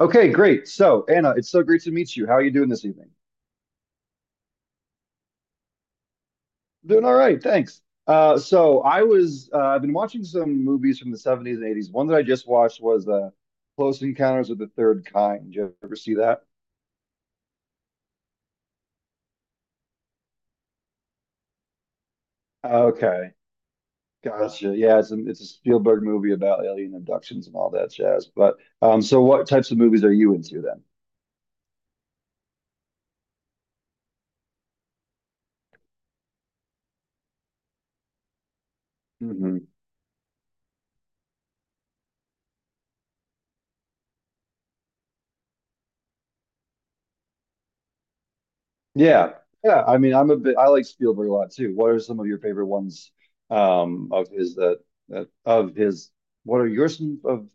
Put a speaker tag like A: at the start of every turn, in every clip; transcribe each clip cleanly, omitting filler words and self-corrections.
A: Okay, great. So, Anna, it's so great to meet you. How are you doing this evening? Doing all right, thanks. So I was I've been watching some movies from the 70s and 80s. One that I just watched was Close Encounters of the Third Kind. Did you ever see that? Okay, gotcha. Yeah, it's a Spielberg movie about alien abductions and all that jazz. But So what types of movies are you into then? Yeah. Yeah. I mean, I like Spielberg a lot too. What are some of your favorite ones of his that that of his what are yours some of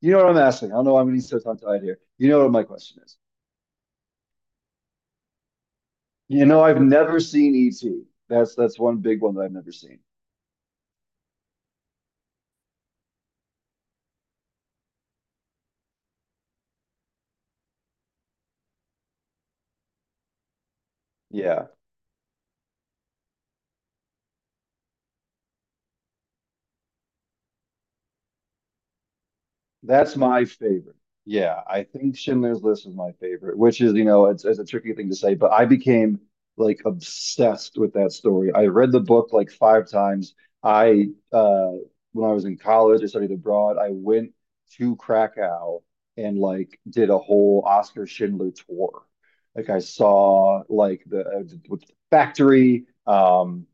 A: you know what I'm asking? I don't know, I'm getting so tongue-tied here. You know what my question is. You know, I've never seen E.T. That's one big one that I've never seen. Yeah. That's my favorite. Yeah, I think Schindler's List is my favorite, which is, you know, it's a tricky thing to say, but I became like obsessed with that story. I read the book like five times. I, uh, when I was in college, I studied abroad. I went to Krakow and like did a whole Oscar Schindler tour. Like I saw like the factory,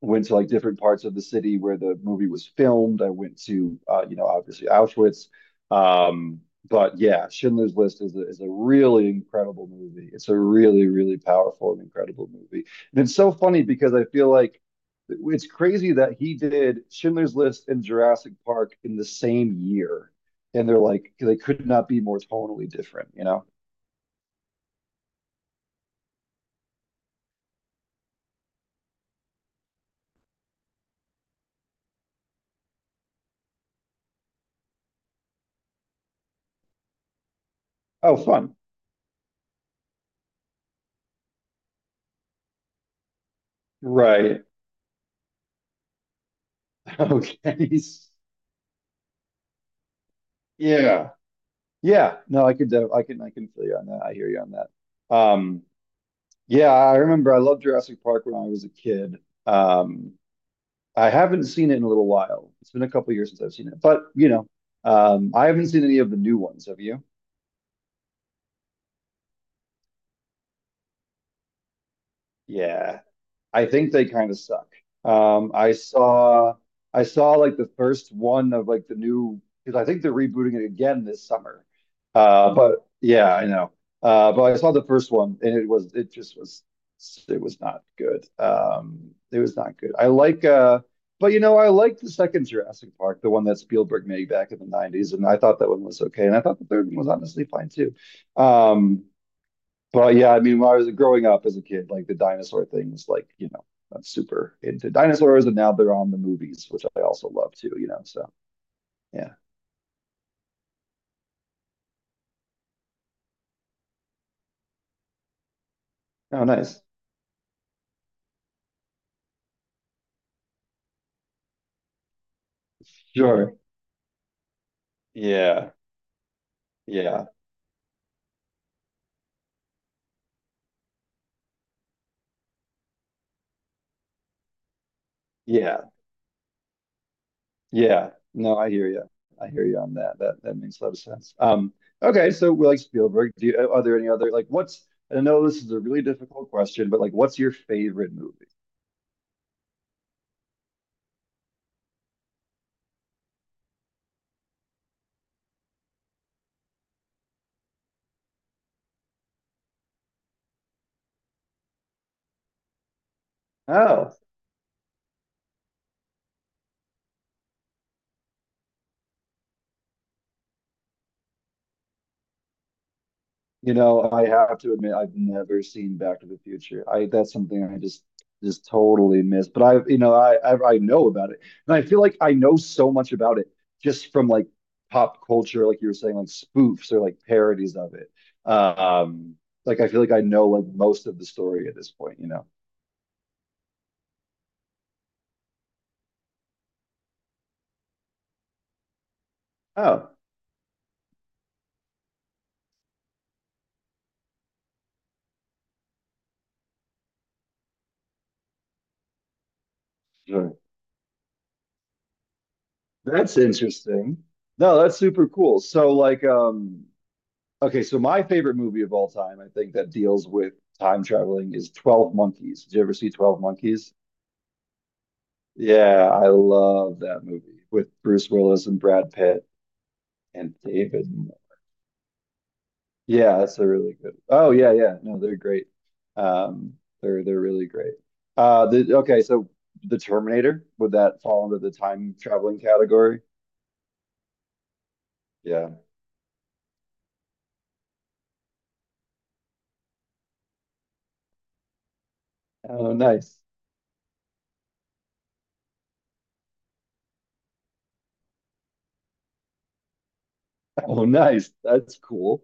A: went to like different parts of the city where the movie was filmed. I went to you know, obviously Auschwitz. Um, but yeah, Schindler's List is a really incredible movie. It's a really really powerful and incredible movie. And it's so funny because I feel like it's crazy that he did Schindler's List and Jurassic Park in the same year. And they're like they could not be more tonally different, you know? Oh, fun. Right. Okay. Yeah. Yeah, no, I could, I can feel you on that. I hear you on that. Um, yeah, I remember I loved Jurassic Park when I was a kid. Um, I haven't seen it in a little while. It's been a couple years since I've seen it, but you know, I haven't seen any of the new ones. Have you? Yeah. I think they kind of suck. Um, I saw I saw like the first one of like the new, because I think they're rebooting it again this summer. But yeah, I know. But I saw the first one and it was not good. It was not good. I like but you know I like the second Jurassic Park, the one that Spielberg made back in the '90s, and I thought that one was okay, and I thought the third one was honestly fine too. Um, but yeah, I mean, when I was growing up as a kid, like the dinosaur thing was like, you know, I'm super into dinosaurs, and now they're on the movies, which I also love too, you know. So yeah. Oh, nice. Sure. Yeah. Yeah. Yeah. Yeah. No, I hear you. I hear you on that. That makes a lot of sense. Okay, so we like Spielberg. Do you, are there any other like what's I know this is a really difficult question, but like what's your favorite movie? Oh, you know, I have to admit, I've never seen Back to the Future. I that's something I just totally miss. But I, you know, I know about it, and I feel like I know so much about it just from like pop culture, like you were saying, like spoofs or like parodies of it. Um, like I feel like I know like most of the story at this point. You know? Oh, sure. That's interesting. No, that's super cool. Okay, so my favorite movie of all time, I think, that deals with time traveling is 12 Monkeys. Did you ever see 12 Monkeys? Yeah, I love that movie with Bruce Willis and Brad Pitt and David. Mo- Yeah, that's a really good. Oh yeah, yeah. No, they're great. Um, they're really great. The okay, so the Terminator, would that fall under the time traveling category? Yeah. Oh, nice. Oh, nice. That's cool.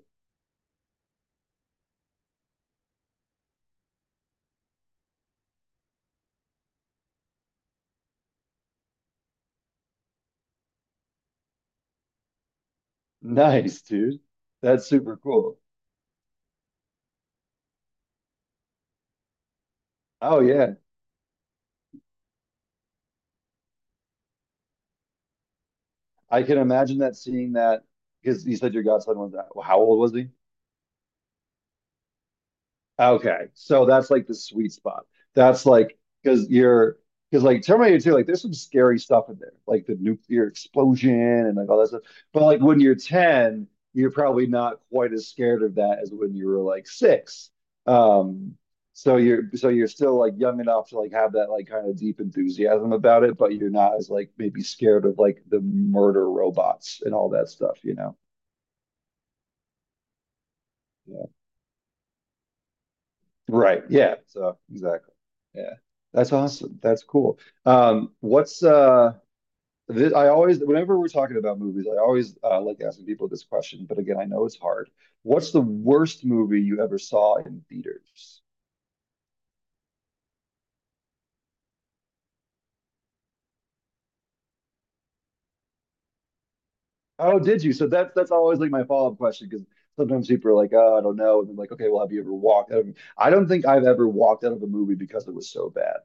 A: Nice, dude. That's super cool. Oh yeah. I can imagine that seeing that because you said your godson was, how old was he? Okay, so that's like the sweet spot. That's like because you're, because like Terminator 2, like there's some scary stuff in there, like the nuclear explosion and like all that stuff. But like when you're 10, you're probably not quite as scared of that as when you were like six. Um, so you're, so you're still like young enough to like have that like kind of deep enthusiasm about it, but you're not as like maybe scared of like the murder robots and all that stuff, you know? Yeah. Right. Yeah. So exactly. Yeah. That's awesome. That's cool. Um, what's uh I always whenever we're talking about movies, I always like asking people this question, but again, I know it's hard. What's the worst movie you ever saw in theaters? Oh, did you? So that's always like my follow-up question because sometimes people are like, oh, I don't know. And I'm like, okay, well, have you ever walked out of, I don't think I've ever walked out of a movie because it was so bad.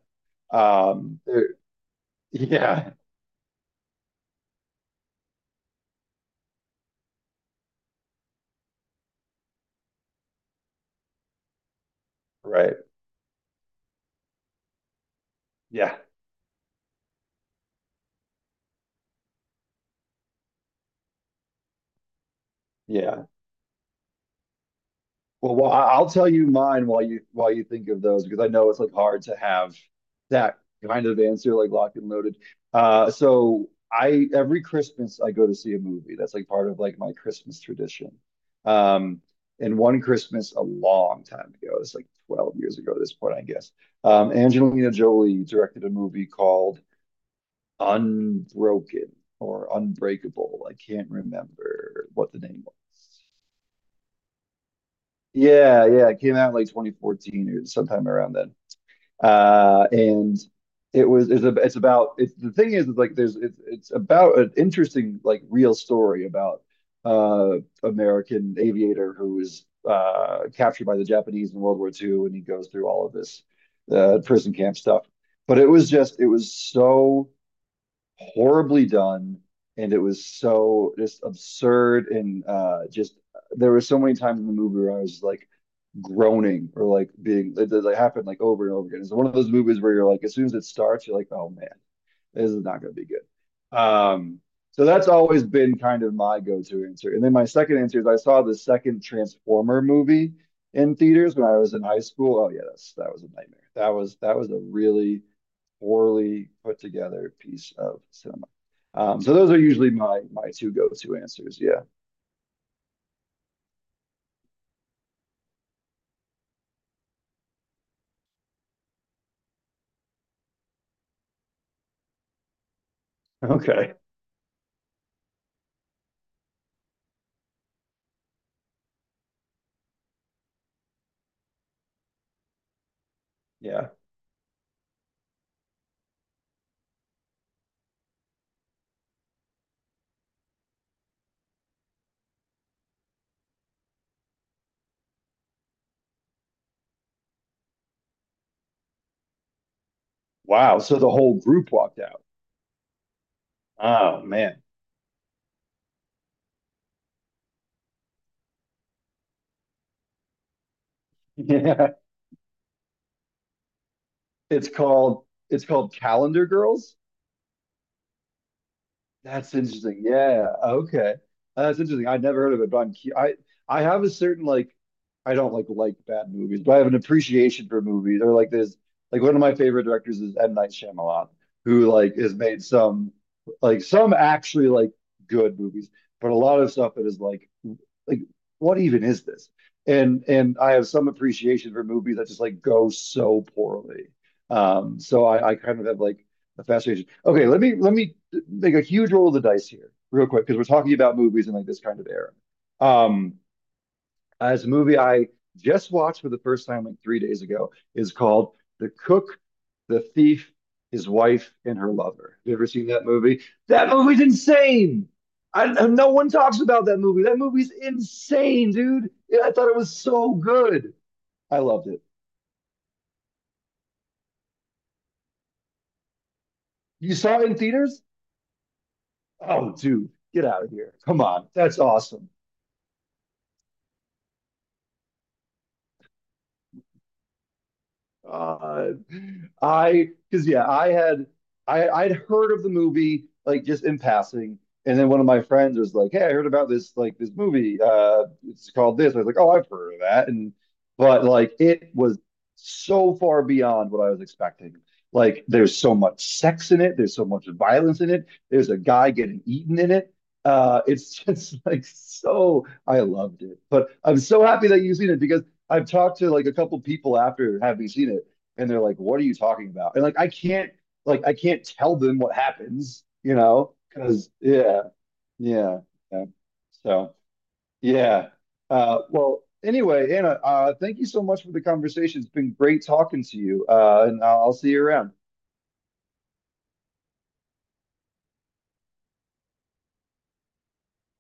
A: Um, there- yeah, right. Yeah. Yeah. Well, I'll tell you mine while you think of those because I know it's like hard to have that kind of answer like locked and loaded. So I, every Christmas I go to see a movie. That's like part of like my Christmas tradition. Um, and one Christmas a long time ago, it's like 12 years ago at this point, I guess. Angelina Jolie directed a movie called Unbroken or Unbreakable. I can't remember what the name. Yeah, yeah, it came out in like 2014 or sometime around then. And it was it's, a, it's about it's the thing is it's like there's it's about an interesting like real story about uh American aviator who was captured by the Japanese in World War II and he goes through all of this prison camp stuff. But it was just it was so horribly done and it was so just absurd and just there were so many times in the movie where I was like groaning or like being that it happened like over and over again. It's one of those movies where you're like, as soon as it starts, you're like, oh man, this is not going to be good. So that's always been kind of my go-to answer. And then my second answer is I saw the second Transformer movie in theaters when I was in high school. Oh yeah, that was a nightmare. That was a really poorly put together piece of cinema. So those are usually my my two go-to answers. Yeah. Okay. Yeah. Wow. So the whole group walked out. Oh man. Yeah, it's called it's called Calendar Girls. That's interesting. Yeah. Okay. That's interesting. I'd never heard of it, but I have a certain like, I don't like bad movies, but I have an appreciation for movies. Or like there's like one of my favorite directors is M. Night Shyamalan, who like has made some like some actually like good movies, but a lot of stuff that is like, what even is this? And I have some appreciation for movies that just like go so poorly. So I kind of have like the fascination. Okay, let me make a huge roll of the dice here, real quick, because we're talking about movies in like this kind of era. Um, as a movie I just watched for the first time like 3 days ago is called The Cook, the Thief, His Wife, and Her Lover. Have you ever seen that movie? That movie's insane. I, no one talks about that movie. That movie's insane, dude. Yeah, I thought it was so good. I loved it. You saw it in theaters? Oh, dude, get out of here. Come on. That's awesome. Uh, I, because yeah, I had, I'd heard of the movie like just in passing, and then one of my friends was like, "Hey, I heard about this like this movie. It's called this." I was like, "Oh, I've heard of that," and but like it was so far beyond what I was expecting. Like, there's so much sex in it. There's so much violence in it. There's a guy getting eaten in it. It's just like so. I loved it, but I'm so happy that you've seen it because I've talked to like a couple people after having seen it, and they're like, "What are you talking about?" And like, I can't, like I can't tell them what happens, you know, because yeah, yeah, yeah. So yeah. Well, anyway, Anna, thank you so much for the conversation. It's been great talking to you, and I'll see you around.